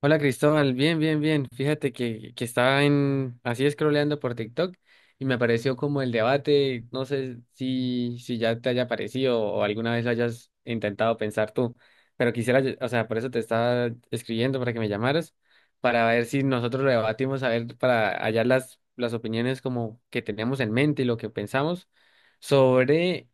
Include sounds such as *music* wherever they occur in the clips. Hola Cristóbal, bien, bien, bien. Fíjate que estaba en, así scrolleando por TikTok y me apareció como el debate, no sé si ya te haya parecido o alguna vez lo hayas intentado pensar tú, pero quisiera, o sea, por eso te estaba escribiendo para que me llamaras, para ver si nosotros lo debatimos, a ver, para hallar las opiniones como que tenemos en mente y lo que pensamos sobre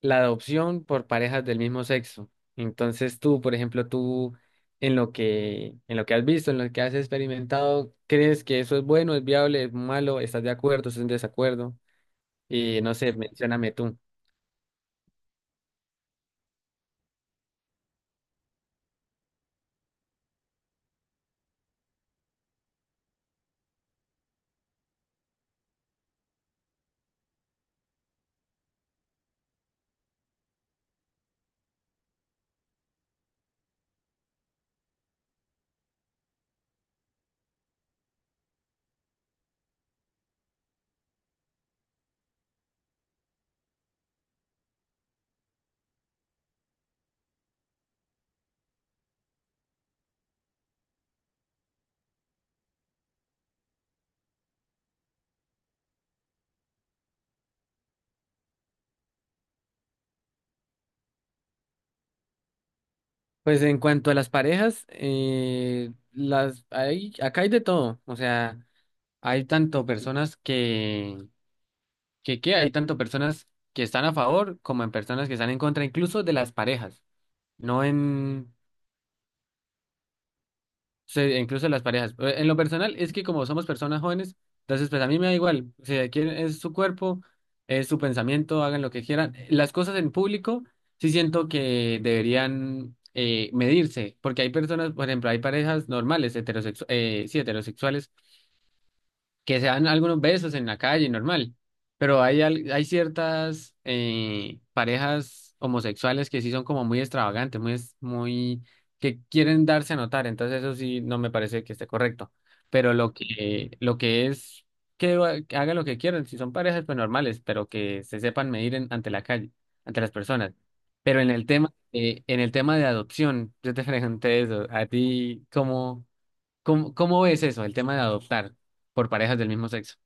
la adopción por parejas del mismo sexo. Entonces tú, por ejemplo, tú en lo que has visto, en lo que has experimentado, ¿crees que eso es bueno, es viable, es malo? ¿Estás de acuerdo, estás en desacuerdo? Y no sé, mencióname tú. Pues en cuanto a las parejas, las hay, acá hay de todo. O sea, hay tanto personas que, hay tanto personas que están a favor como en personas que están en contra, incluso de las parejas. No en. Sí, incluso las parejas. En lo personal, es que como somos personas jóvenes, entonces pues a mí me da igual. Si quieren, es su cuerpo, es su pensamiento, hagan lo que quieran. Las cosas en público sí siento que deberían medirse, porque hay personas, por ejemplo, hay parejas normales, sí, heterosexuales, que se dan algunos besos en la calle, normal, pero hay ciertas parejas homosexuales que sí son como muy extravagantes, muy, muy, que quieren darse a notar, entonces eso sí no me parece que esté correcto, pero lo que es que, que hagan lo que quieran, si son parejas pues normales, pero que se sepan medir ante la calle, ante las personas. Pero en el tema, en el tema de adopción, yo te *laughs* pregunté eso, a ti, ¿cómo? ¿Cómo ves eso, el tema de adoptar por parejas del mismo sexo?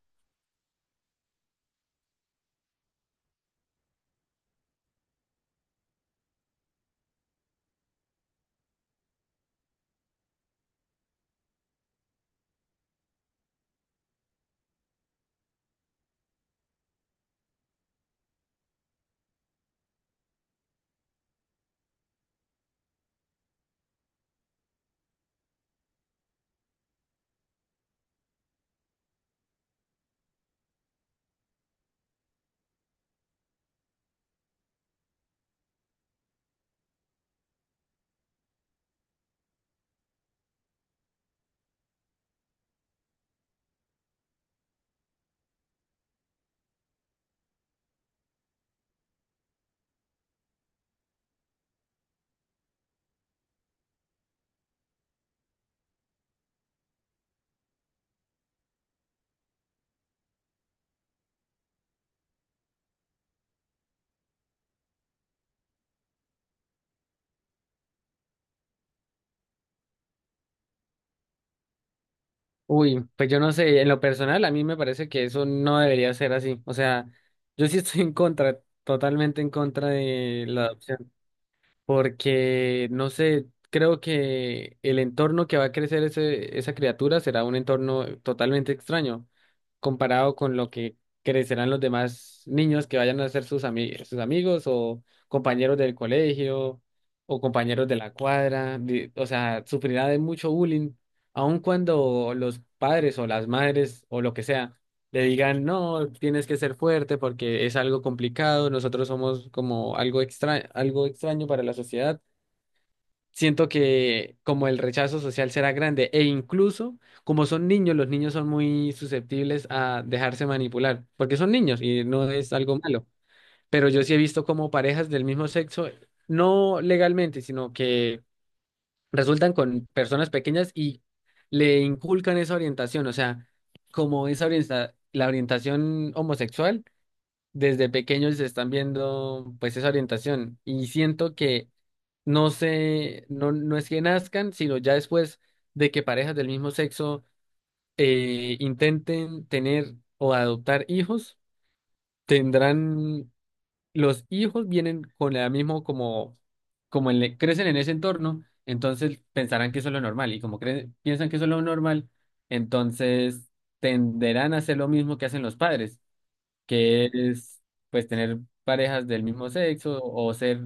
Uy, pues yo no sé, en lo personal a mí me parece que eso no debería ser así. O sea, yo sí estoy en contra, totalmente en contra de la adopción. Porque no sé, creo que el entorno que va a crecer esa criatura será un entorno totalmente extraño, comparado con lo que crecerán los demás niños que vayan a ser sus amigos o compañeros del colegio o compañeros de la cuadra, o sea, sufrirá de mucho bullying, aun cuando los padres o las madres o lo que sea le digan, no, tienes que ser fuerte porque es algo complicado, nosotros somos como algo extra, algo extraño para la sociedad. Siento que como el rechazo social será grande e incluso como son niños, los niños son muy susceptibles a dejarse manipular porque son niños y no es algo malo. Pero yo sí he visto como parejas del mismo sexo, no legalmente, sino que resultan con personas pequeñas y le inculcan esa orientación, o sea, como esa la orientación homosexual desde pequeños se están viendo pues esa orientación y siento que no se, no, no es que nazcan, sino ya después de que parejas del mismo sexo intenten tener o adoptar hijos, tendrán, los hijos vienen con la mismo como, como crecen en ese entorno, entonces pensarán que eso es lo normal y como piensan que eso es lo normal, entonces tenderán a hacer lo mismo que hacen los padres, que es pues tener parejas del mismo sexo o ser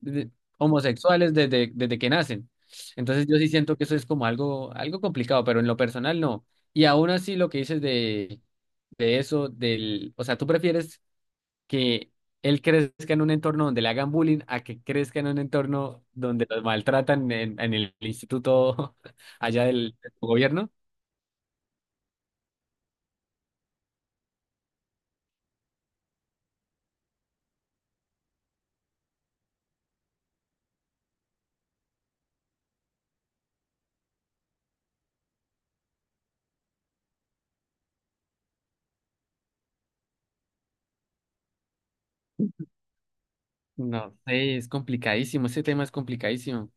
de- homosexuales desde que nacen. Entonces yo sí siento que eso es como algo, algo complicado, pero en lo personal no. Y aún así lo que dices de eso, del, o sea, tú prefieres que él crezca en un entorno donde le hagan bullying a que crezca en un entorno donde los maltratan en el instituto *laughs* allá del gobierno. No sé, es complicadísimo, ese tema es complicadísimo.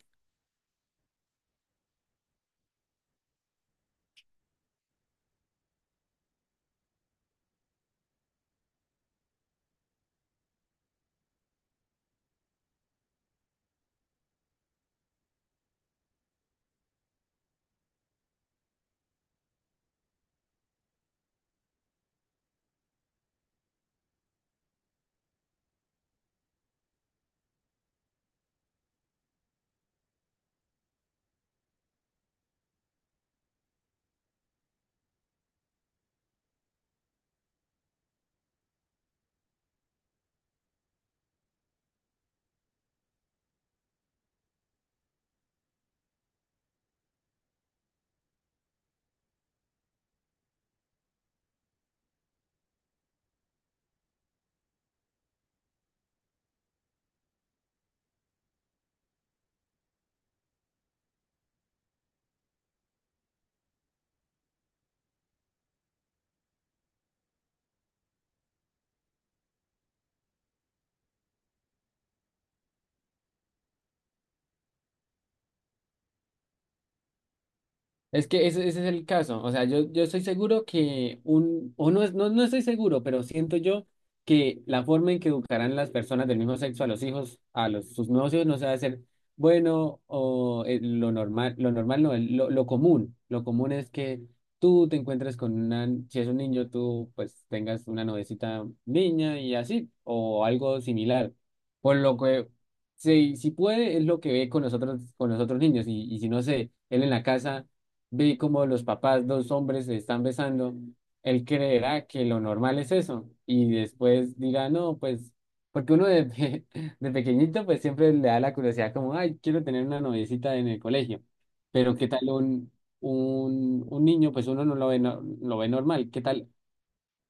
Es que ese es el caso. O sea, yo estoy seguro que un, o no, es, no, no estoy seguro, pero siento yo que la forma en que educarán las personas del mismo sexo a los hijos, sus nuevos hijos, no se va a hacer bueno o lo normal no, lo común. Lo común es que tú te encuentres con una, si es un niño, tú pues tengas una novecita niña y así, o algo similar. Por lo que si puede, es lo que ve con nosotros, con los otros niños, y si no sé, él en la casa vi como los papás, dos hombres se están besando, él creerá que lo normal es eso y después dirá, no, pues, porque uno *laughs* de pequeñito pues siempre le da la curiosidad como, ay, quiero tener una noviecita en el colegio, pero ¿qué tal un, un niño? Pues uno no lo ve, lo ve normal, ¿qué tal?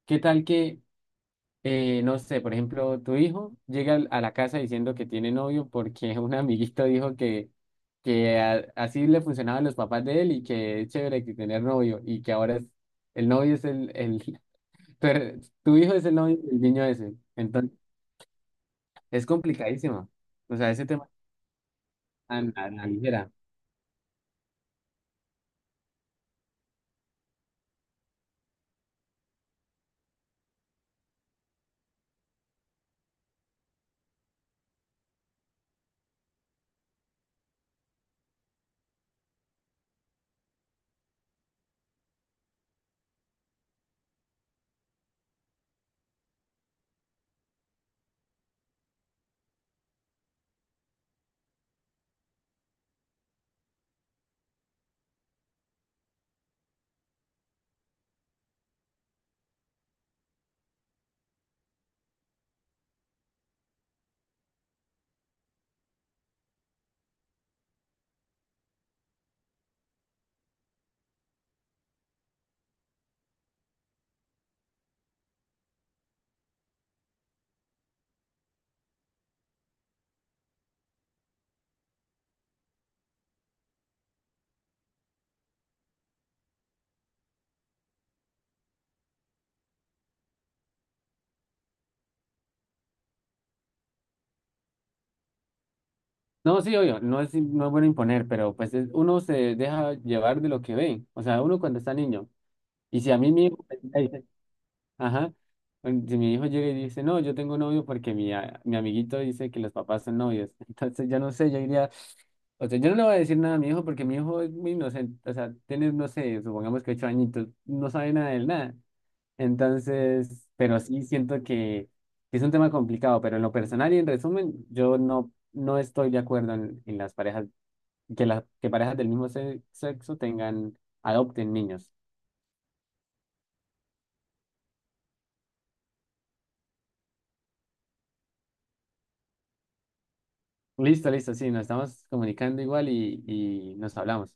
¿Qué tal que no sé, por ejemplo, tu hijo llega a la casa diciendo que tiene novio porque *laughs* un amiguito dijo que así le funcionaban los papás de él y que es chévere que tener novio y que ahora es, el novio es el. *laughs* Pero tu hijo es el novio del niño ese. Entonces, es complicadísimo. O sea, ese tema a la ligera. No, sí, obvio, no es, no es bueno imponer, pero pues uno se deja llevar de lo que ve. O sea, uno cuando está niño. Y si a mí mismo. Ajá. Bueno, si mi hijo llega y dice, no, yo tengo novio porque mi amiguito dice que los papás son novios. *laughs* Entonces, ya no sé, yo diría, o sea, yo no le voy a decir nada a mi hijo porque mi hijo es muy inocente. O sea, tiene, no sé, supongamos que ocho añitos, no sabe nada de él, nada. Entonces, pero sí siento que es un tema complicado, pero en lo personal y en resumen, yo no, no estoy de acuerdo en las parejas, que, las que parejas del mismo sexo tengan, adopten niños. Listo, listo, sí, nos estamos comunicando igual y nos hablamos.